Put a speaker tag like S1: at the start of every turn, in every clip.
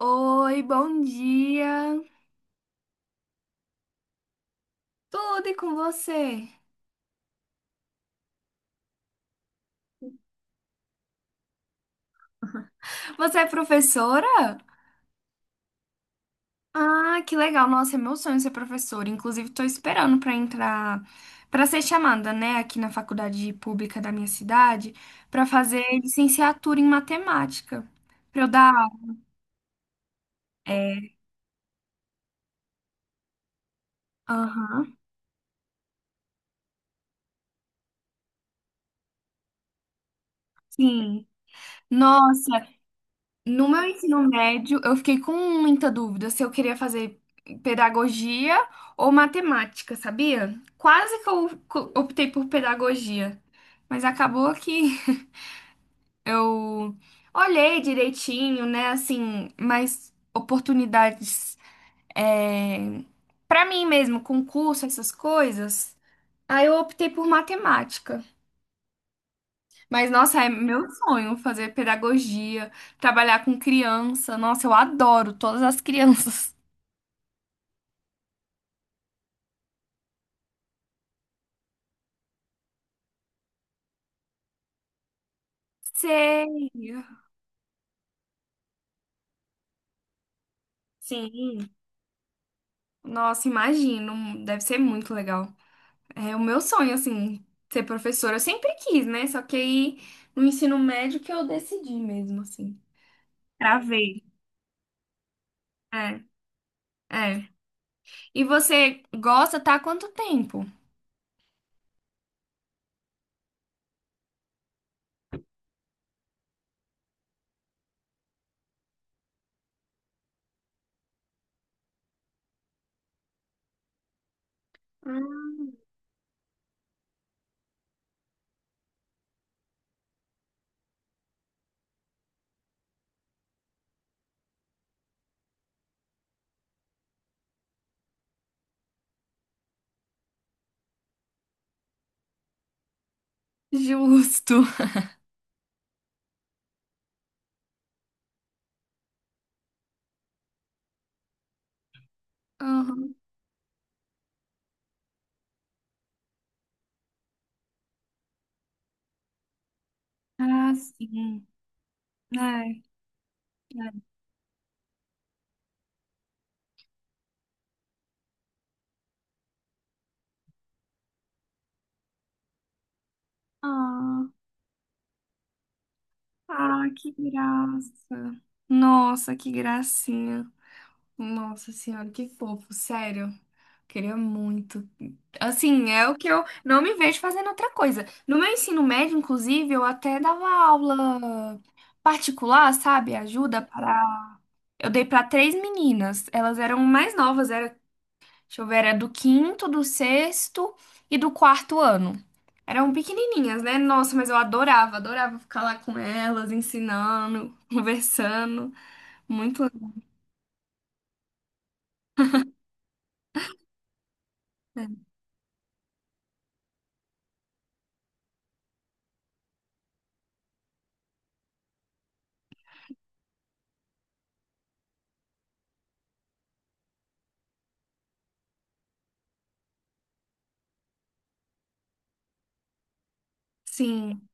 S1: Oi, bom dia. Tudo e com você? Você é professora? Ah, que legal. Nossa, é meu sonho ser professora. Inclusive, estou esperando para entrar, para ser chamada, né, aqui na faculdade pública da minha cidade, para fazer licenciatura em matemática. Para eu dar. É. Aham. Sim. Nossa. No meu ensino médio, eu fiquei com muita dúvida se eu queria fazer pedagogia ou matemática, sabia? Quase que optei por pedagogia, mas acabou que eu olhei direitinho, né? Assim, mais oportunidades, é, para mim mesmo, concurso, essas coisas. Aí eu optei por matemática. Mas, nossa, é meu sonho fazer pedagogia, trabalhar com criança. Nossa, eu adoro todas as crianças. Sei. Sim. Nossa, imagino. Deve ser muito legal. É o meu sonho, assim, ser professora. Eu sempre quis, né? Só que aí no ensino médio que eu decidi mesmo, assim. Travei. É, é. E você gosta, tá há quanto tempo? Justo. Aham. Ah, sim. É, é. Ah. Ah, que graça. Nossa, que gracinha. Nossa senhora, que fofo, sério. Queria muito. Assim, é o que eu não me vejo fazendo outra coisa. No meu ensino médio, inclusive, eu até dava aula particular, sabe? Ajuda para. Eu dei para três meninas. Elas eram mais novas. Deixa eu ver, era do quinto, do sexto e do quarto ano. Eram pequenininhas, né? Nossa, mas eu adorava, adorava ficar lá com elas, ensinando, conversando. Muito legal. Sim,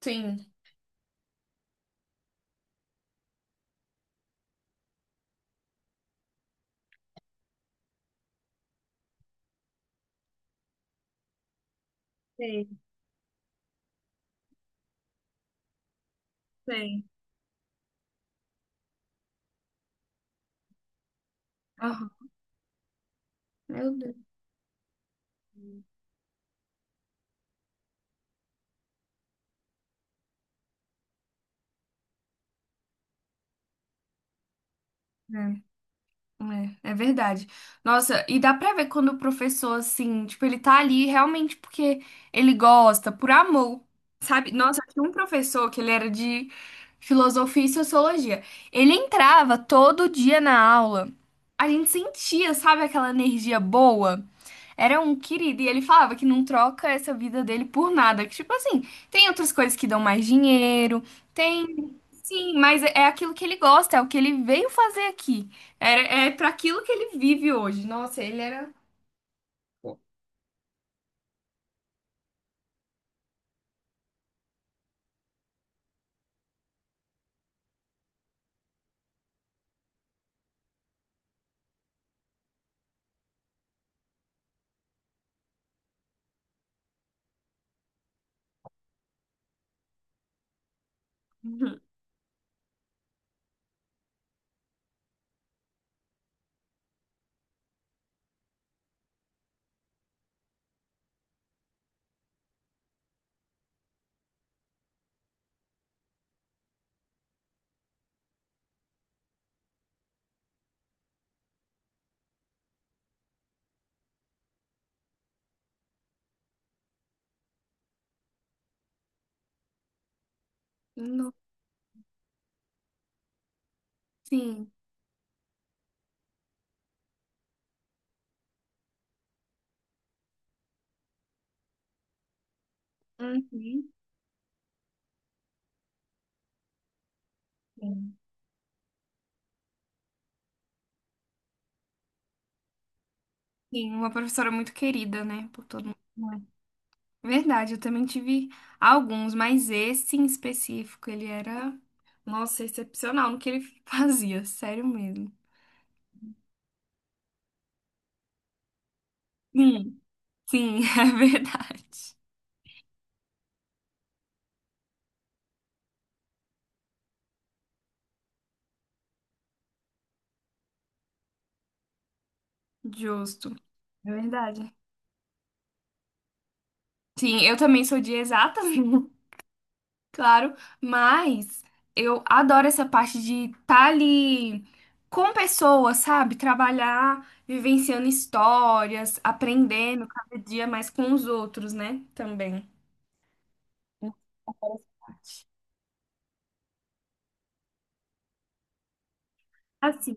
S1: sim. Sei, sei. Aham. Meu Deus. Né? É, é verdade. Nossa, e dá pra ver quando o professor, assim, tipo, ele tá ali realmente porque ele gosta, por amor, sabe? Nossa, tinha um professor que ele era de filosofia e sociologia. Ele entrava todo dia na aula. A gente sentia, sabe, aquela energia boa. Era um querido, e ele falava que não troca essa vida dele por nada. Que, tipo assim, tem outras coisas que dão mais dinheiro, tem. Sim, mas é é aquilo que ele gosta, é o que ele veio fazer aqui. É, é para aquilo que ele vive hoje. Nossa, ele era. Uhum. Sim. Uhum. Sim, sim, uma professora muito querida, né? Por todo mundo. É. Verdade, eu também tive alguns, mas esse em específico, ele era, nossa, excepcional no que ele fazia, sério mesmo. Sim, sim, é verdade. Justo. É verdade. Sim, eu também sou de exatas. Claro, mas eu adoro essa parte de estar ali com pessoas, sabe? Trabalhar, vivenciando histórias, aprendendo cada dia mais com os outros, né? Também. Hum, adoro essa parte. Assim,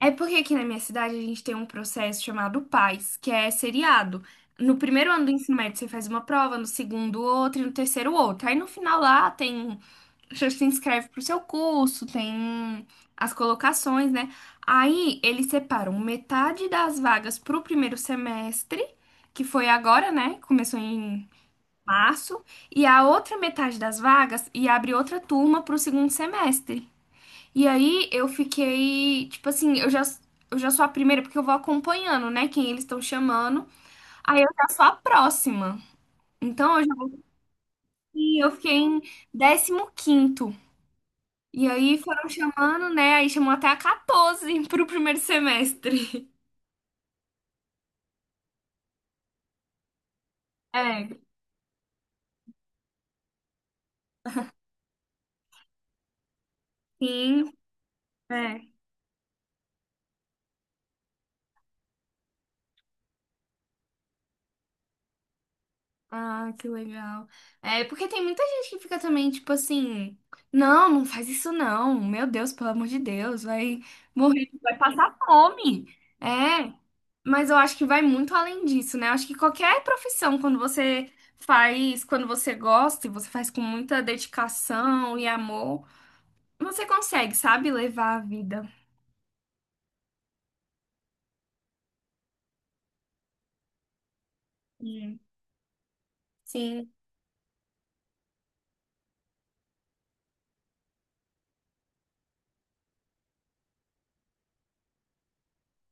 S1: é porque aqui na minha cidade a gente tem um processo chamado PAS, que é seriado. No primeiro ano do ensino médio você faz uma prova, no segundo outra e no terceiro outra. Aí no final lá tem. Você se inscreve pro seu curso, tem as colocações, né? Aí eles separam metade das vagas pro primeiro semestre, que foi agora, né? Começou em março, e a outra metade das vagas e abre outra turma pro segundo semestre. E aí eu fiquei, tipo assim, eu já sou a primeira porque eu vou acompanhando, né, quem eles estão chamando. Aí eu já sou a próxima. Então eu fiquei em 15º. E aí foram chamando, né? Aí chamou até a 14 pro primeiro semestre. É, sim, é. Ah, que legal. É, porque tem muita gente que fica também, tipo assim, não, não faz isso não. Meu Deus, pelo amor de Deus, vai morrer, vai passar fome. É, mas eu acho que vai muito além disso, né? Eu acho que qualquer profissão, quando você faz, quando você gosta e você faz com muita dedicação e amor, você consegue, sabe, levar a vida. Hum. Sim.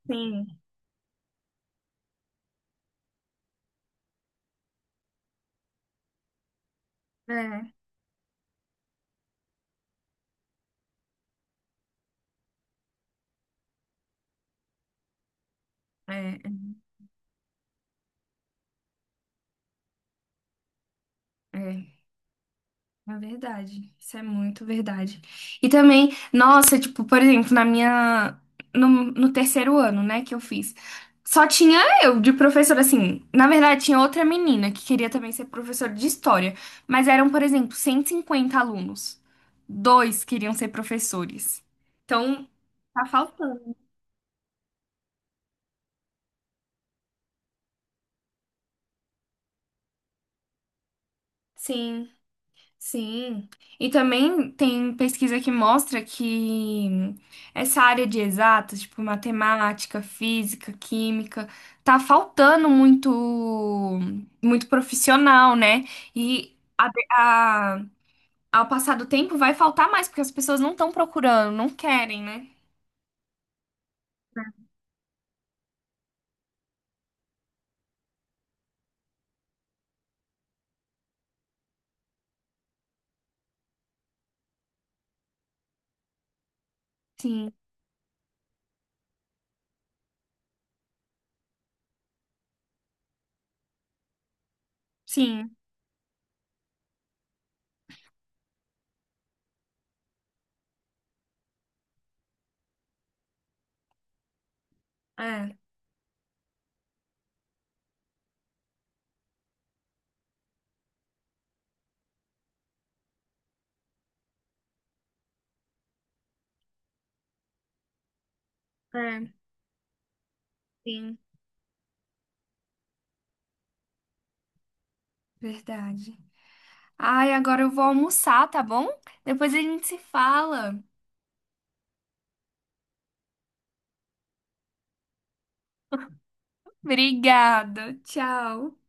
S1: Sim, é, é, é, é verdade. Isso é muito verdade. E também, nossa, tipo, por exemplo, na minha, no, no terceiro ano, né, que eu fiz, só tinha eu de professora, assim, na verdade tinha outra menina que queria também ser professora de história, mas eram, por exemplo, 150 alunos. Dois queriam ser professores. Então, tá faltando. Sim. Sim, e também tem pesquisa que mostra que essa área de exatas, tipo matemática, física, química, tá faltando muito, muito profissional, né? E a- ao passar do tempo vai faltar mais, porque as pessoas não estão procurando, não querem, né? Sim, sim, é, é, sim, verdade. Ai, agora eu vou almoçar, tá bom? Depois a gente se fala. Obrigada, tchau.